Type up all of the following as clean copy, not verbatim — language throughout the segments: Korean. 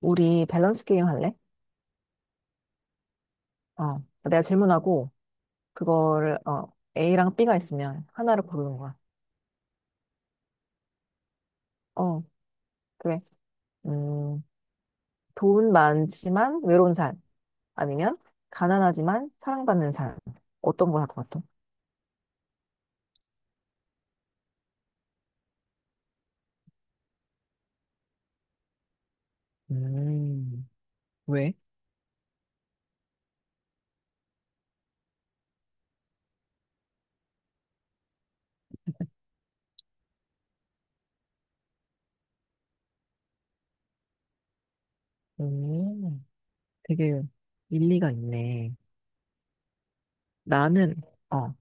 우리 밸런스 게임 할래? 어, 내가 질문하고 그거를 A랑 B가 있으면 하나를 고르는 거야. 어, 그래. 음, 돈 많지만 외로운 삶, 아니면 가난하지만 사랑받는 삶, 어떤 걸 할 것 같아? 음, 왜? 음, 되게 일리가 있네. 나는 어,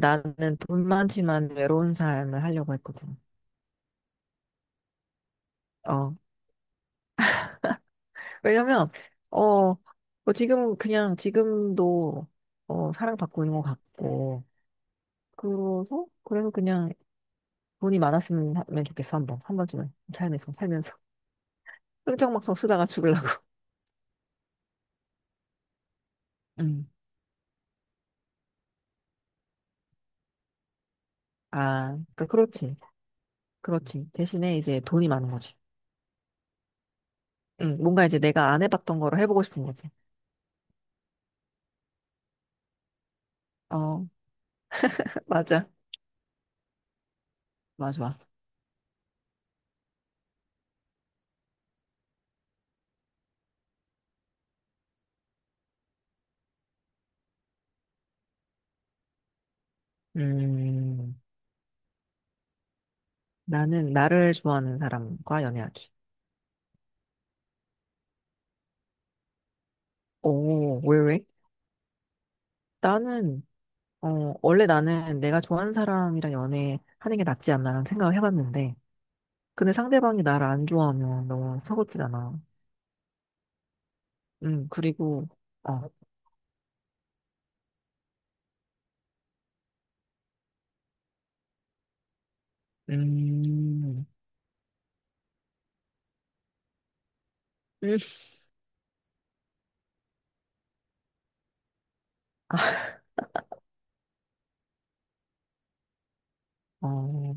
나는 돈 많지만 외로운 삶을 하려고 했거든. 어, 왜냐면, 어, 뭐 지금 그냥 지금도 사랑받고 있는 것 같고, 그래서 그냥 돈이 많았으면 면 좋겠어, 한 번. 한 번쯤은. 삶에서, 살면서. 흥청망청 쓰다가 죽으려고. 음. 아, 그러니까 그렇지. 그렇지. 대신에 이제 돈이 많은 거지. 응, 뭔가 이제 내가 안 해봤던 거를 해보고 싶은 거지. 어, 맞아. 맞아. 음, 나는 나를 좋아하는 사람과 연애하기. 오, 왜, 왜? 나는 어, 원래 나는 내가 좋아하는 사람이랑 연애하는 게 낫지 않나라는 생각을 해봤는데, 근데 상대방이 나를 안 좋아하면 너무 서글프잖아. 그리고, 어, 음, 음, 어,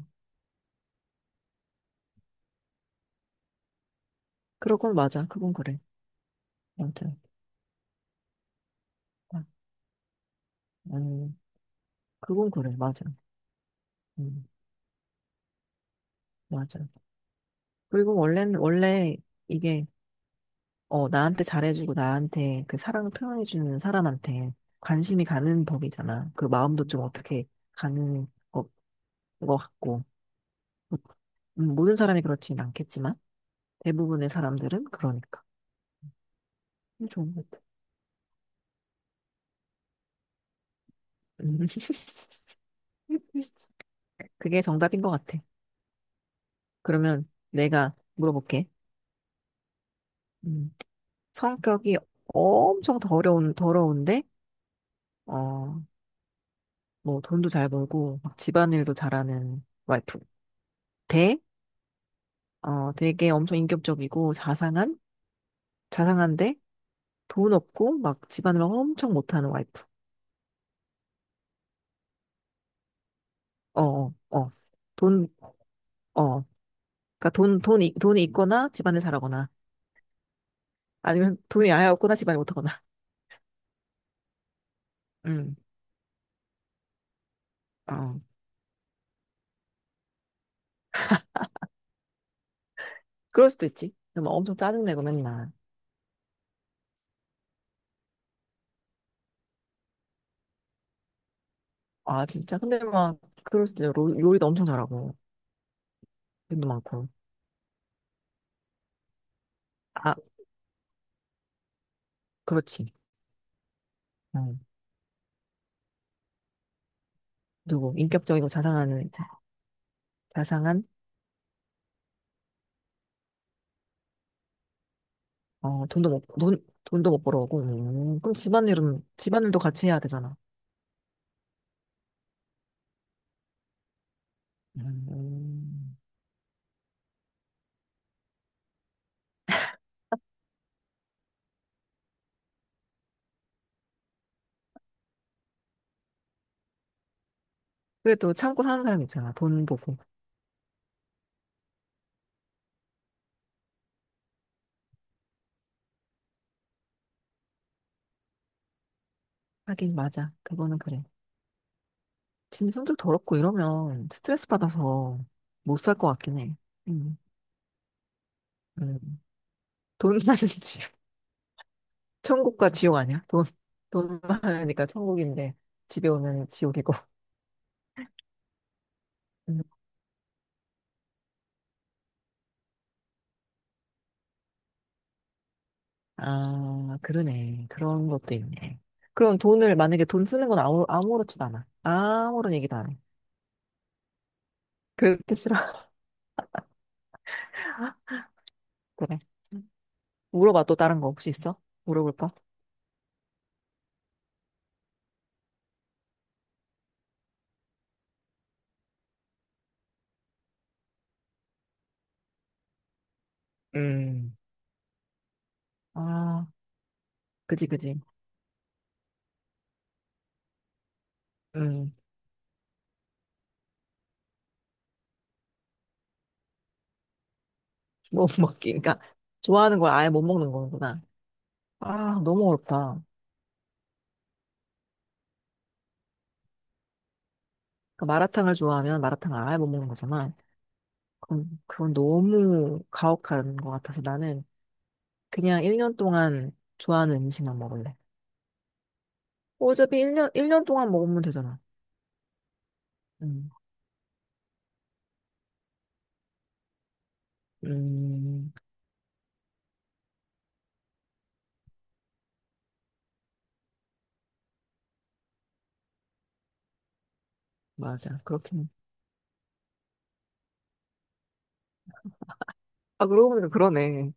그건 맞아. 그건 그래. 아무튼, 아, 음, 그건 그래. 맞아. 음, 맞아. 그리고 원래 이게, 나한테 잘해주고 나한테 그 사랑을 표현해주는 사람한테 관심이 가는 법이잖아. 그 마음도 좀 어떻게 가는 거 같고. 모든 사람이 그렇진 않겠지만 대부분의 사람들은 그러니까 좋은 것 같아. 음, 그게 정답인 것 같아. 그러면 내가 물어볼게. 음, 성격이 엄청 더러운데, 어, 뭐 돈도 잘 벌고 막 집안일도 잘하는 와이프. 대 되게 엄청 인격적이고 자상한데, 돈 없고 막 집안일 엄청 못하는 와이프. 어, 어, 어. 돈, 어. 그러니까 돈이 있거나 집안일 잘하거나. 아니면 돈이 아예 없거나 집안이 못하거나. 음, 어. 그럴 수도 있지. 근데 막 엄청 짜증내고 맨날. 아, 진짜. 근데 막, 그럴 수도 있 요리도 엄청 잘하고. 돈도 많고. 아, 그렇지. 어. 누구, 인격적이고 자상한, 돈도 못 벌어오고. 그럼 집안일도 같이 해야 되잖아. 음. 그래도 참고 사는 사람 있잖아. 돈 보고. 하긴, 맞아. 그거는 그래. 진짜 성격 더럽고 이러면 스트레스 받아서 못 살 것 같긴 해. 음. 음. 돈 많은 집. 천국과 지옥 아니야? 돈 많으니까 천국인데, 집에 오면 지옥이고. 음. 아, 그러네. 그런 것도 있네. 그럼 만약에 돈 쓰는 건 아무렇지도 않아. 아무런 얘기도 안 해. 그렇게 싫어. 그래. 물어봐, 또 다른 거 혹시 있어? 물어볼 까. 음. 아, 그지, 그지. 음. 못 먹기. 그러니까, 좋아하는 걸 아예 못 먹는 거구나. 아, 너무 어렵다. 그러니까 마라탕을 좋아하면 마라탕을 아예 못 먹는 거잖아. 그건 너무 가혹한 것 같아서 나는 그냥 1년 동안 좋아하는 음식만 먹을래. 어차피 1년, 일 년 동안 먹으면 되잖아. 음, 음, 맞아. 그렇긴. 아, 그러고 보니까 그러네.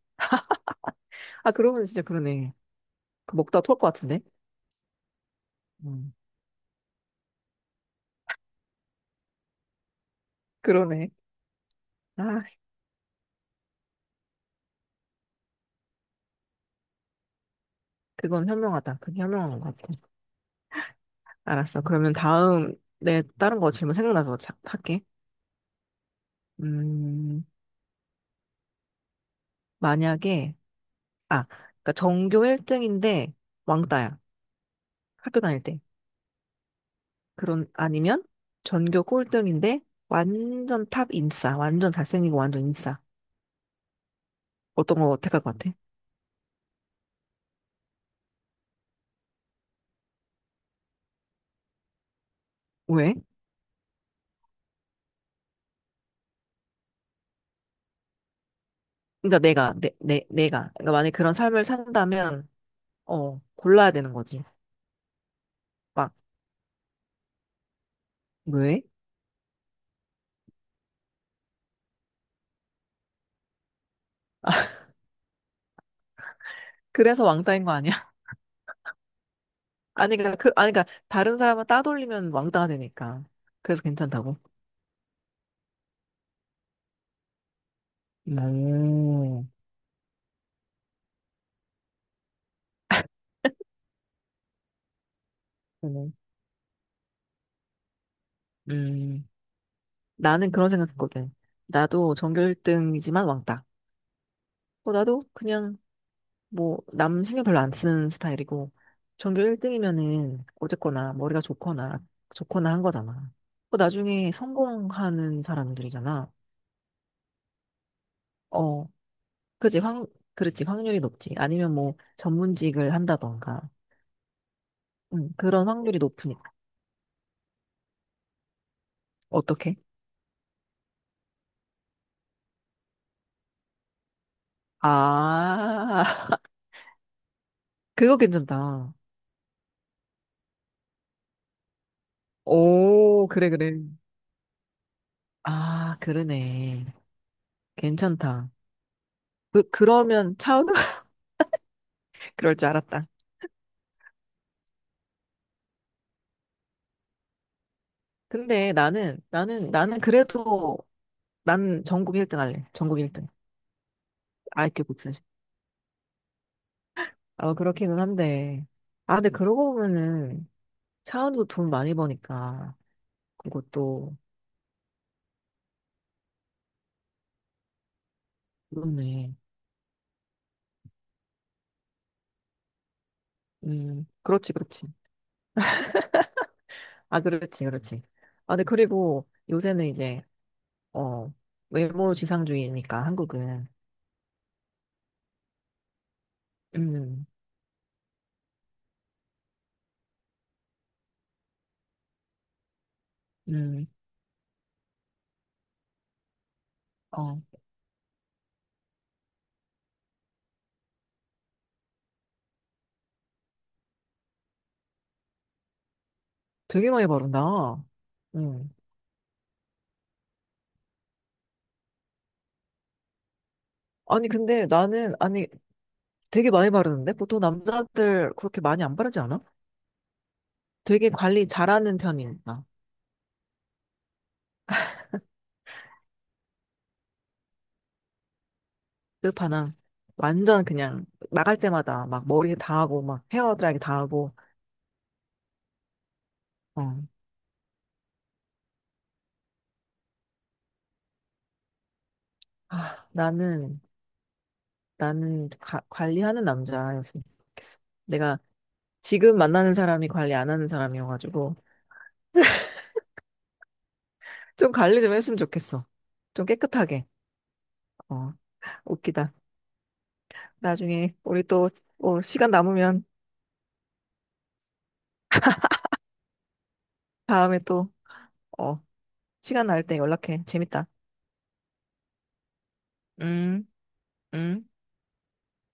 아, 그러고 보니 진짜 그러네. 그 먹다 토할 것 같은데? 음, 그러네. 아, 그건 현명하다. 그게 현명한 것 같아. 알았어. 그러면 다음, 내 다른 거 질문 생각나서 자, 할게. 음, 만약에, 아, 그러니까 전교 1등인데 왕따야. 학교 다닐 때. 아니면 전교 꼴등인데 완전 탑 인싸, 완전 잘생기고 완전 인싸. 어떤 거 택할 것 같아? 왜? 그러니까 내가. 그러니까 만약에 그런 삶을 산다면, 골라야 되는 거지. 막, 왜? 그래서 왕따인 거 아니야? 아니, 그러니까 다른 사람은 따돌리면 왕따가 되니까. 그래서 괜찮다고. 오, 그러네. 음, 나는 그런 생각했거든. 나도 전교 1등이지만 왕따. 나도 그냥 뭐, 남 신경 별로 안 쓰는 스타일이고, 전교 1등이면은 어쨌거나 머리가 좋거나 한 거잖아. 그 나중에 성공하는 사람들이잖아. 어, 그지, 확, 그렇지, 확률이 높지. 아니면 뭐, 전문직을 한다던가. 응, 그런 확률이 높으니까. 어떻게? 아, 그거 괜찮다. 오, 그래, 그래. 아, 그러네. 괜찮다. 그러면 차우, 은 그럴 줄 알았다. 근데 나는 그래도 난 전국 1등 할래. 전국 1등. 아이큐 1사0. 아, 그렇기는 한데. 아, 근데 그러고 보면은 차은우도 돈 많이 버니까, 그것도. 그렇네. 그렇지, 그렇지. 아, 그렇지, 그렇지. 아, 근데 그리고 요새는 이제 어 외모 지상주의니까 한국은. 음, 음, 어 되게 많이 바른다. 음. 아니 근데 나는 아니 되게 많이 바르는데 보통 남자들 그렇게 많이 안 바르지 않아? 되게 관리 잘하는 편이니까. 끝판왕. 완전 그냥 나갈 때마다 막 머리 다 하고 막 헤어 드라이기 다 하고. 어. 아, 나는 관리하는 남자였으면 좋겠어. 내가 지금 만나는 사람이 관리 안 하는 사람이어가지고 좀 관리 좀 했으면 좋겠어. 좀 깨끗하게. 어. 웃기다. 나중에 우리 또 시간 남으면, 다음에 또 어, 시간 날 때 연락해. 재밌다. 음, 음.